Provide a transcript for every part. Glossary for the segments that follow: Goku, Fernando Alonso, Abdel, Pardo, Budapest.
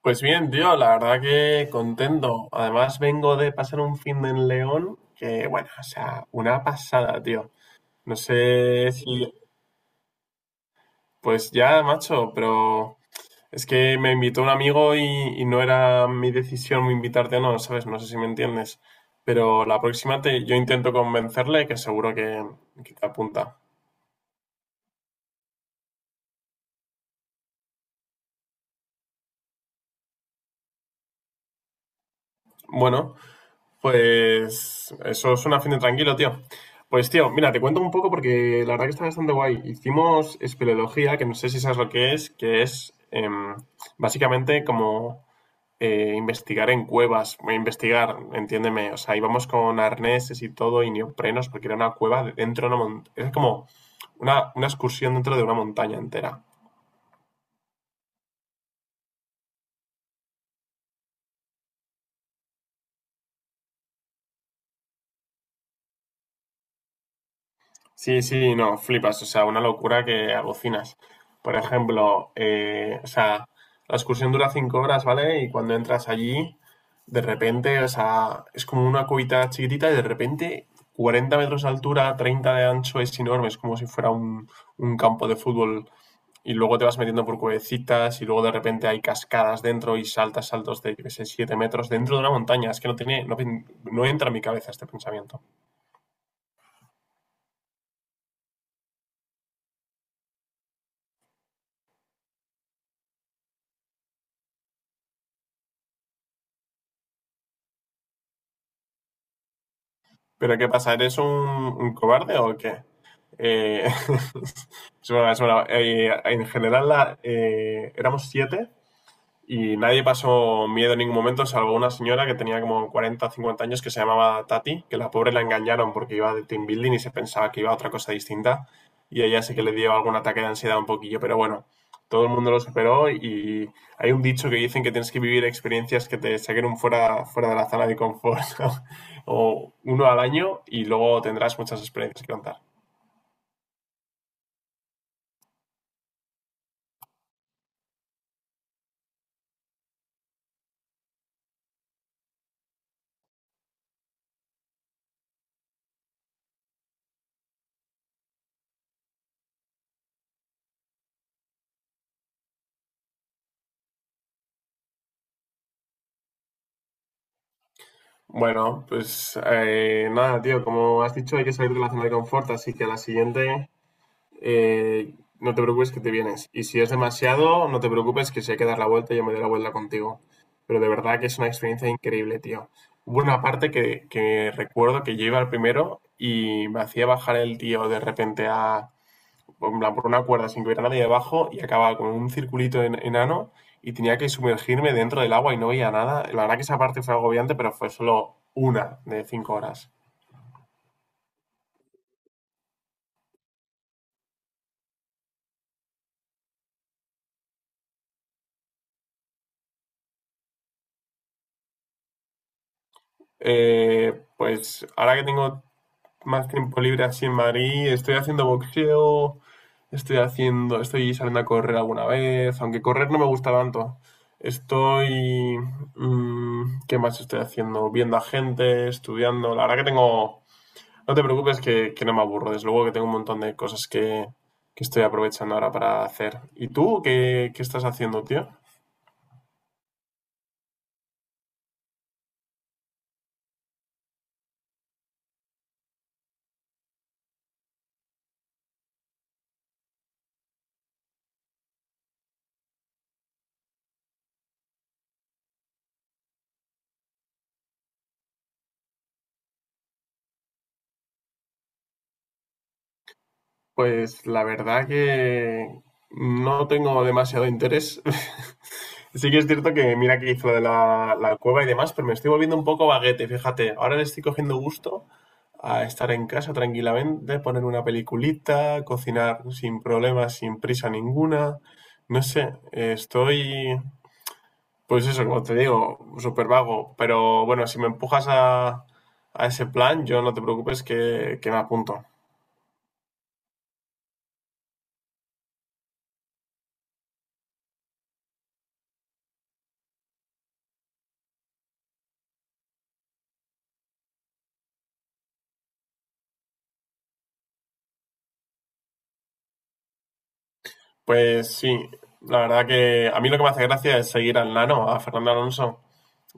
Pues bien, tío, la verdad que contento. Además, vengo de pasar un fin de en León que, bueno, o sea, una pasada, tío. No sé si. Pues ya, macho, pero es que me invitó un amigo y no era mi decisión invitarte o no, ¿sabes? No sé si me entiendes. Pero la próxima te, yo intento convencerle que seguro que te apunta. Bueno, pues eso suena fin de tranquilo, tío. Pues tío, mira, te cuento un poco porque la verdad que está bastante guay. Hicimos espeleología, que no sé si sabes lo que es básicamente como investigar en cuevas, investigar, entiéndeme. O sea, íbamos con arneses y todo y neoprenos porque era una cueva dentro de una montaña. Es como una excursión dentro de una montaña entera. Sí, sí, no, flipas, o sea, una locura que alucinas. Por ejemplo, o sea, la excursión dura 5 horas, ¿vale? Y cuando entras allí, de repente, o sea, es como una cubita chiquitita y de repente 40 metros de altura, 30 de ancho, es enorme, es como si fuera un campo de fútbol. Y luego te vas metiendo por cuevecitas y luego de repente hay cascadas dentro y saltas saltos de, yo qué sé, 7 metros dentro de una montaña. Es que no tiene, no, no entra en mi cabeza este pensamiento. ¿Pero qué pasa? ¿Eres un cobarde o qué? Eh, es broma, es broma. En general éramos siete y nadie pasó miedo en ningún momento, salvo una señora que tenía como 40 o 50 años que se llamaba Tati, que la pobre la engañaron porque iba de team building y se pensaba que iba a otra cosa distinta. Y ella sí que le dio algún ataque de ansiedad un poquillo, pero bueno, todo el mundo lo superó y hay un dicho que dicen que tienes que vivir experiencias que te saquen fuera de la zona de confort, ¿no? o uno al año y luego tendrás muchas experiencias que contar. Bueno, pues nada, tío, como has dicho, hay que salir de la zona de confort, así que la siguiente eh, no te preocupes que te vienes. Y si es demasiado, no te preocupes que si hay que dar la vuelta, yo me doy la vuelta contigo. Pero de verdad que es una experiencia increíble, tío. Hubo una parte que recuerdo que yo iba al primero y me hacía bajar el tío de repente a, en plan, por una cuerda sin que hubiera nadie debajo y acababa con un circulito enano y tenía que sumergirme dentro del agua y no veía nada. La verdad que esa parte fue agobiante, pero fue solo una de 5 horas. Pues ahora que tengo más tiempo libre así en Madrid. Estoy haciendo boxeo, estoy saliendo a correr alguna vez, aunque correr no me gusta tanto. Estoy, ¿qué más estoy haciendo? Viendo a gente, estudiando. La verdad que tengo, no te preocupes que no me aburro. Desde luego que tengo un montón de cosas que estoy aprovechando ahora para hacer. ¿Y tú qué estás haciendo, tío? Pues la verdad que no tengo demasiado interés. Sí que es cierto que mira que hizo lo de la cueva y demás, pero me estoy volviendo un poco vaguete. Fíjate. Ahora le estoy cogiendo gusto a estar en casa tranquilamente, poner una peliculita, cocinar sin problemas, sin prisa ninguna. No sé, pues eso, como te digo, súper vago. Pero bueno, si me empujas a ese plan, yo no te preocupes que me apunto. Pues sí, la verdad que a mí lo que me hace gracia es seguir al nano, a Fernando Alonso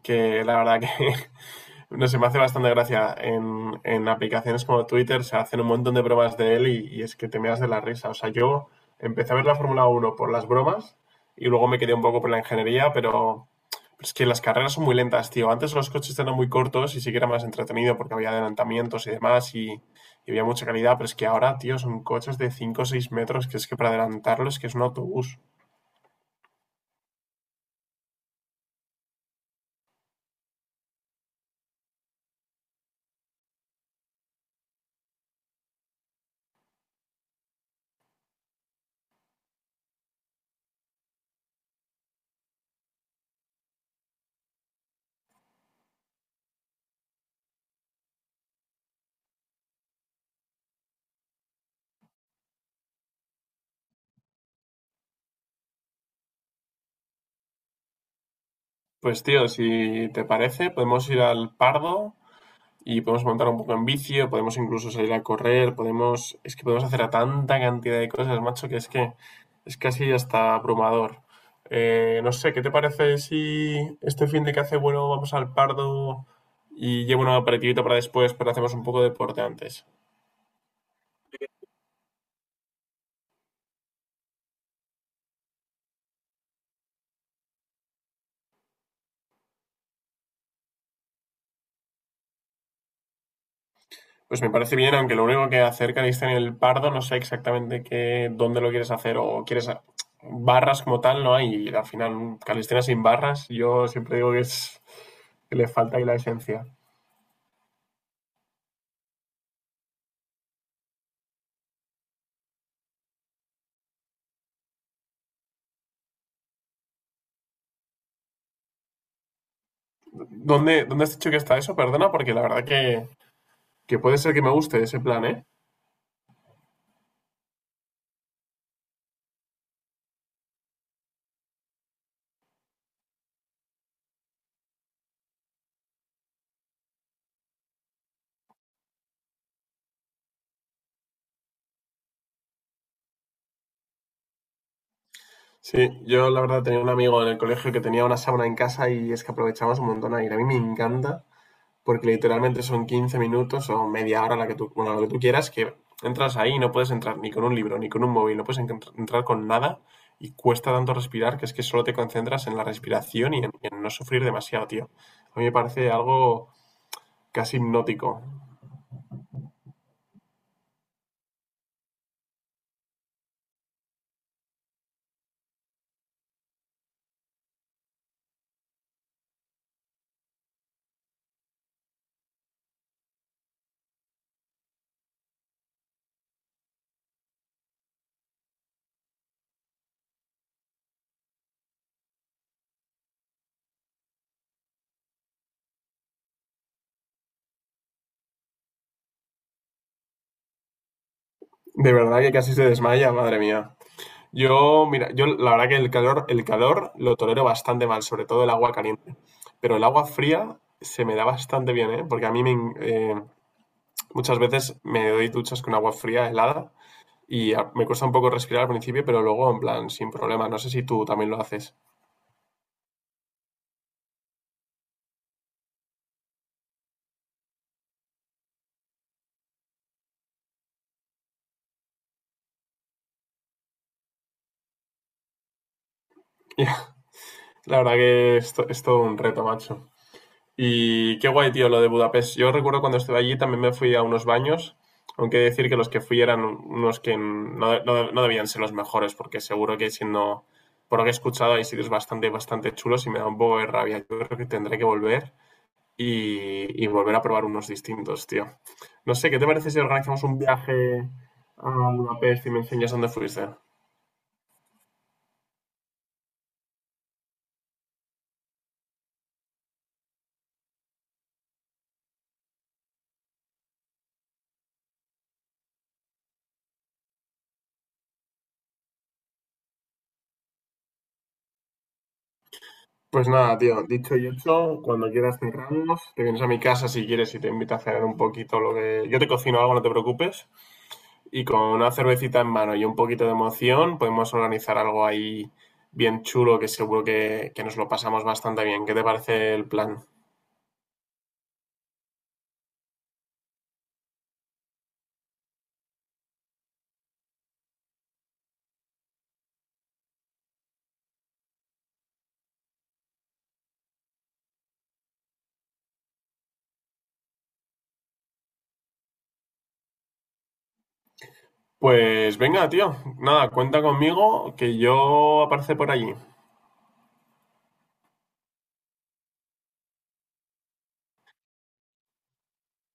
que la verdad que no sé, me hace bastante gracia. En aplicaciones como Twitter se hacen un montón de bromas de él y es que te meas de la risa. O sea, yo empecé a ver la Fórmula Uno por las bromas y luego me quedé un poco por la ingeniería, pero es que las carreras son muy lentas, tío. Antes los coches eran muy cortos y sí que era más entretenido porque había adelantamientos y demás y había mucha calidad, pero es que ahora, tío, son coches de 5 o 6 metros que es que para adelantarlos que es un autobús. Pues, tío, si te parece, podemos ir al Pardo y podemos montar un poco en vicio, podemos incluso salir a correr, es que podemos hacer a tanta cantidad de cosas, macho, que es casi hasta abrumador. No sé, ¿qué te parece si este fin de que hace bueno vamos al Pardo y llevo una aperitivita para después, pero hacemos un poco de deporte antes? Pues me parece bien, aunque lo único que acerca de en el Pardo no sé exactamente qué, dónde lo quieres hacer o quieres barras como tal no hay y al final un calistenia sin barras yo siempre digo que es que le falta ahí la esencia. ¿Dónde has dicho que está eso? Perdona, porque la verdad que puede ser que me guste ese plan, ¿eh? Sí, yo la verdad tenía un amigo en el colegio que tenía una sauna en casa y es que aprovechábamos un montón a ir. A mí me encanta porque literalmente son 15 minutos o media hora, la que tú, bueno, lo que tú quieras, que entras ahí y no puedes entrar ni con un libro, ni con un móvil, no puedes entrar con nada y cuesta tanto respirar que es que solo te concentras en la respiración y en no sufrir demasiado, tío. A mí me parece algo casi hipnótico. De verdad que casi se desmaya, madre mía. Yo, mira, yo la verdad que el calor lo tolero bastante mal, sobre todo el agua caliente. Pero el agua fría se me da bastante bien, ¿eh? Porque a mí muchas veces me doy duchas con agua fría, helada, y me cuesta un poco respirar al principio, pero luego, en plan, sin problema. No sé si tú también lo haces. La verdad que esto es todo un reto, macho. Y qué guay, tío, lo de Budapest. Yo recuerdo cuando estuve allí también me fui a unos baños, aunque he de decir que los que fui eran unos que no debían ser los mejores, porque seguro que siendo, por lo que he escuchado, hay sitios bastante, bastante chulos y me da un poco de rabia. Yo creo que tendré que volver y volver a probar unos distintos, tío. No sé, ¿qué te parece si organizamos un viaje a Budapest y me enseñas dónde fuiste? Pues nada, tío, dicho y hecho, cuando quieras cerramos, te vienes a mi casa si quieres y te invito a cenar un poquito lo que. Yo te cocino algo, no te preocupes, y con una cervecita en mano y un poquito de emoción podemos organizar algo ahí bien chulo que seguro que nos lo pasamos bastante bien. ¿Qué te parece el plan? Pues venga, tío, nada, cuenta conmigo que yo aparece por allí.